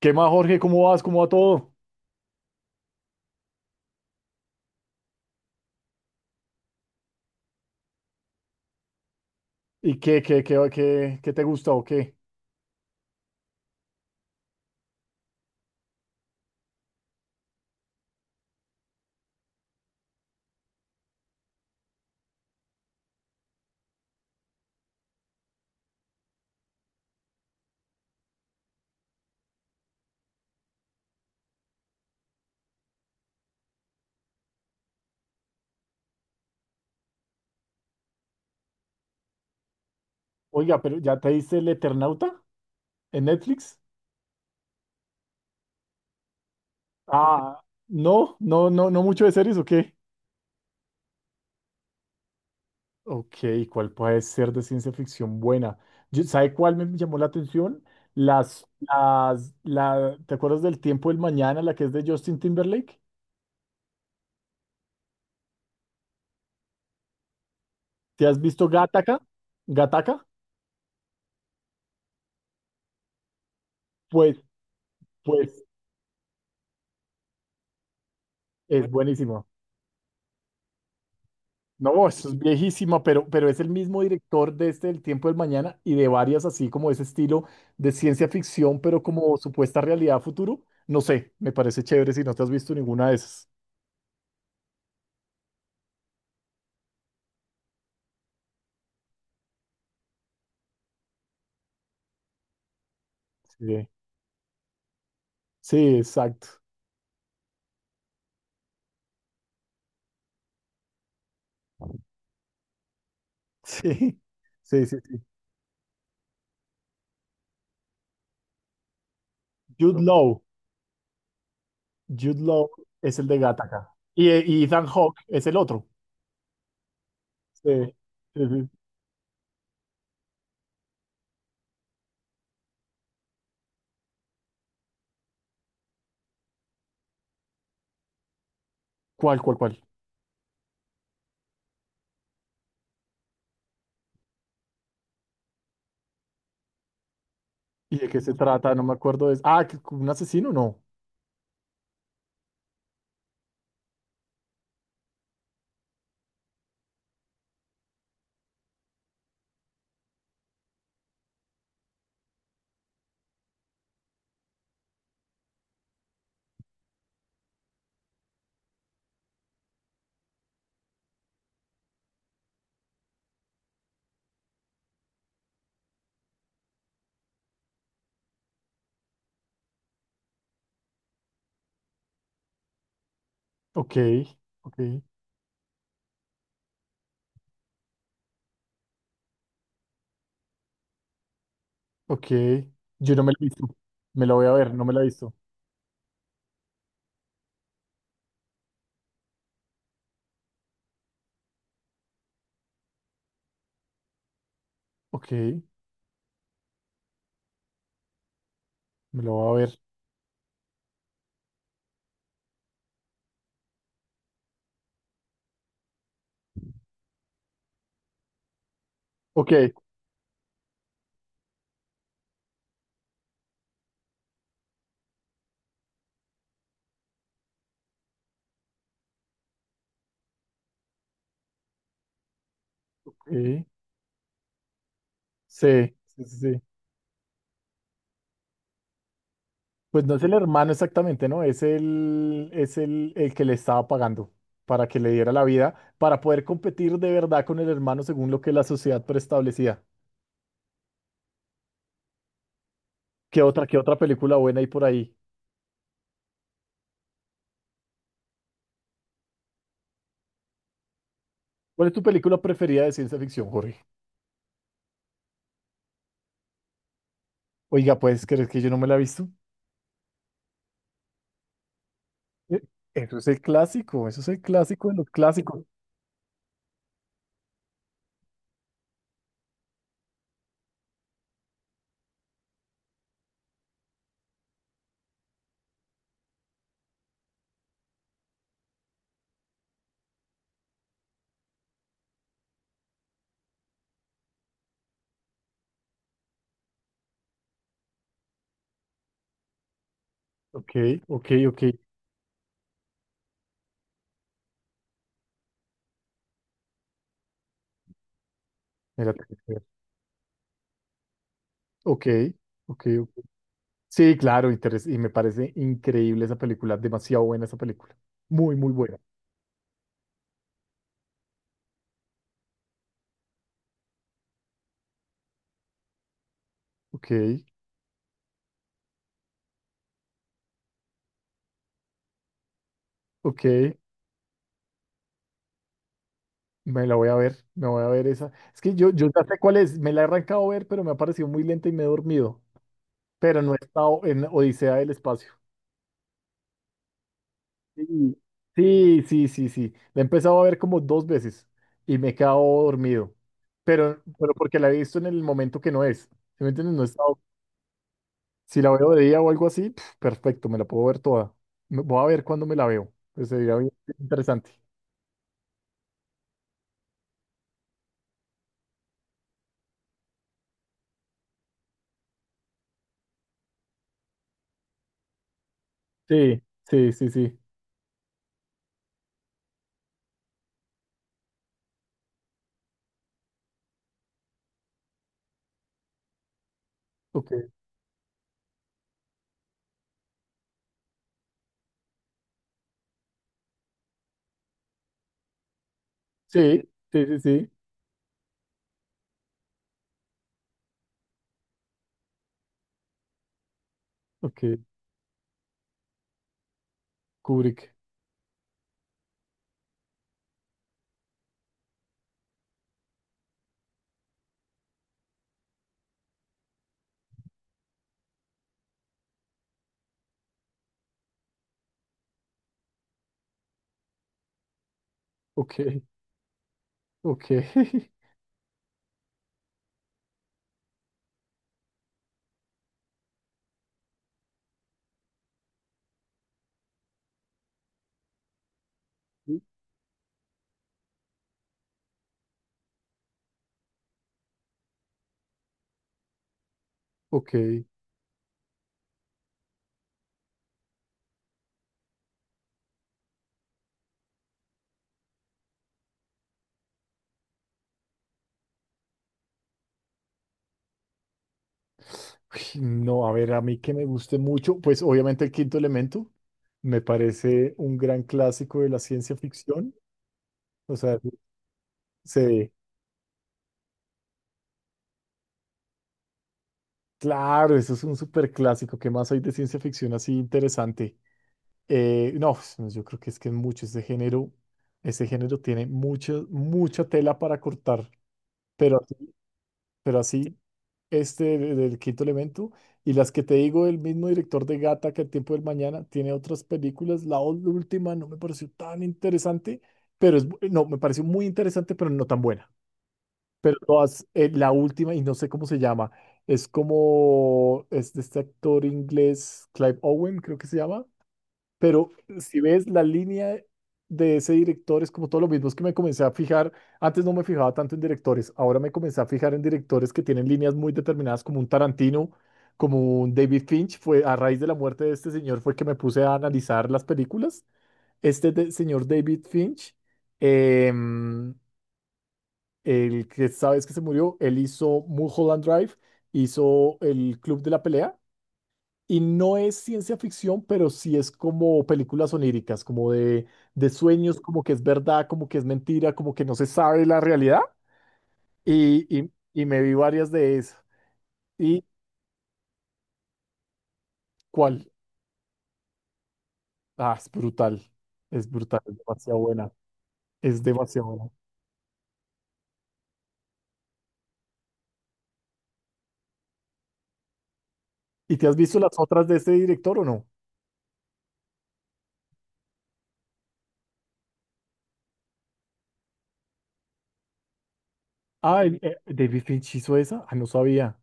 ¿Qué más, Jorge? ¿Cómo vas? ¿Cómo va todo? ¿Y qué te gusta o qué? Oiga, pero ¿ya te diste El Eternauta en Netflix? Ah, no, no, no, no mucho de series o qué. Ok, ¿cuál puede ser de ciencia ficción buena? ¿Sabe cuál me llamó la atención? ¿Te acuerdas del Tiempo del Mañana, la que es de Justin Timberlake? ¿Te has visto Gattaca? ¿Gattaca? Pues, pues, es buenísima. No, eso es viejísima, pero es el mismo director de este El Tiempo del Mañana y de varias así como ese estilo de ciencia ficción, pero como supuesta realidad futuro. No sé, me parece chévere si no te has visto ninguna de esas. Sí, sí, exacto. Sí, sí, sí, sí. Jude Law, Jude Law es el de Gattaca. Y Ethan Hawke es el otro. Sí, sí, sí. Cuál? ¿Y de qué se trata? No me acuerdo. Ah, un asesino, no. Ok, ok. Ok. Yo no me la he visto. Me la voy a ver, no me la he visto. Ok, me lo voy a ver. Ok, ok. Sí, sí, sí, sí. Pues no es el hermano exactamente, ¿no? Es el que le estaba pagando para que le diera la vida, para poder competir de verdad con el hermano según lo que la sociedad preestablecía. Qué otra película buena hay por ahí? ¿Cuál es tu película preferida de ciencia ficción, Jorge? Oiga, ¿puedes creer que yo no me la he visto? Eh, Eso es el clásico, eso es el clásico de los clásicos. Ok, ok, ok. Mira, ok, ok, ok. Sí, claro, y me parece increíble esa película, demasiado buena esa película. Muy, muy buena. Ok, ok, me la voy a ver, me voy a ver esa. Es que yo ya sé cuál es, me la he arrancado a ver, pero me ha parecido muy lenta y me he dormido. Pero no he estado en Odisea del Espacio. Sí, sí, sí, sí, sí. La he empezado a ver como dos veces y me he quedado dormido. Pero porque la he visto en el momento que no es. ¿Sí me entiendes? No he estado. Si la veo de día o algo así, pf, perfecto, me la puedo ver toda. Voy a ver cuándo me la veo. Pues sería bien interesante. Sí, sí, sí, sí. Ok. Sí, sí, sí, sí. Ok. Kubrick. Ok, ok. Ok. Uy, no, a ver, a mí que me guste mucho, pues obviamente El Quinto Elemento me parece un gran clásico de la ciencia ficción. O sea, se claro, eso es un súper clásico. ¿Qué más hay de ciencia ficción así interesante? No, yo creo que es mucho ese género tiene mucha, mucha tela para cortar, pero, pero así, del quinto elemento y las que te digo, el mismo director de Gata que El tiempo del mañana tiene otras películas, la última no me pareció tan interesante, pero es, no, me pareció muy interesante, pero no tan buena, pero todas, la última y no sé cómo se llama, es como, es de este actor inglés, Clive Owen creo que se llama, pero si ves la línea de ese director, es como todo lo mismo. Es que me comencé a fijar, antes no me fijaba tanto en directores, ahora me comencé a fijar en directores que tienen líneas muy determinadas, como un Tarantino, como un David Finch. Fue a raíz de la muerte de este señor, fue que me puse a analizar las películas. Este señor David Finch, em, el que sabes que se murió, él hizo Mulholland Drive, hizo El Club de la Pelea. Y no es ciencia ficción, pero sí es como películas oníricas, como de sueños, como que es verdad, como que es mentira, como que no se sabe la realidad. Y, y me vi varias de esas. ¿Y cuál? Ah, es brutal. Es brutal, es demasiado buena. Es demasiado buena. ¿Y te has visto las otras de este director o no? Ah, David Finch hizo esa. Ah, no sabía.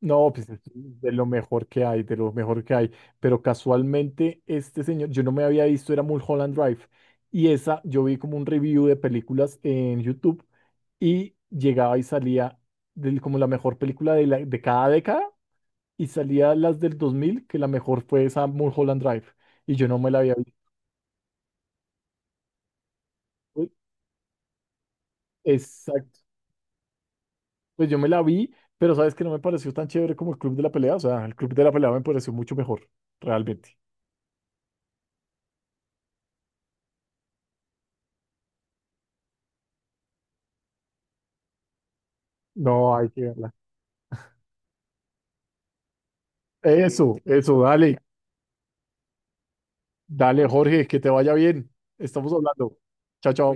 No, pues es de lo mejor que hay, de lo mejor que hay. Pero casualmente este señor, yo no me había visto, era Mulholland Drive. Y esa, yo vi como un review de películas en YouTube y llegaba y salía como la mejor película de cada década y salía las del 2000 que la mejor fue esa Mulholland Drive. Y yo no me la había visto. Exacto. Pues yo me la vi, pero sabes que no me pareció tan chévere como el Club de la Pelea. O sea, el Club de la Pelea me pareció mucho mejor, realmente. No, hay que verla. Eso, dale, dale, Jorge, que te vaya bien. Estamos hablando. Chao, chao.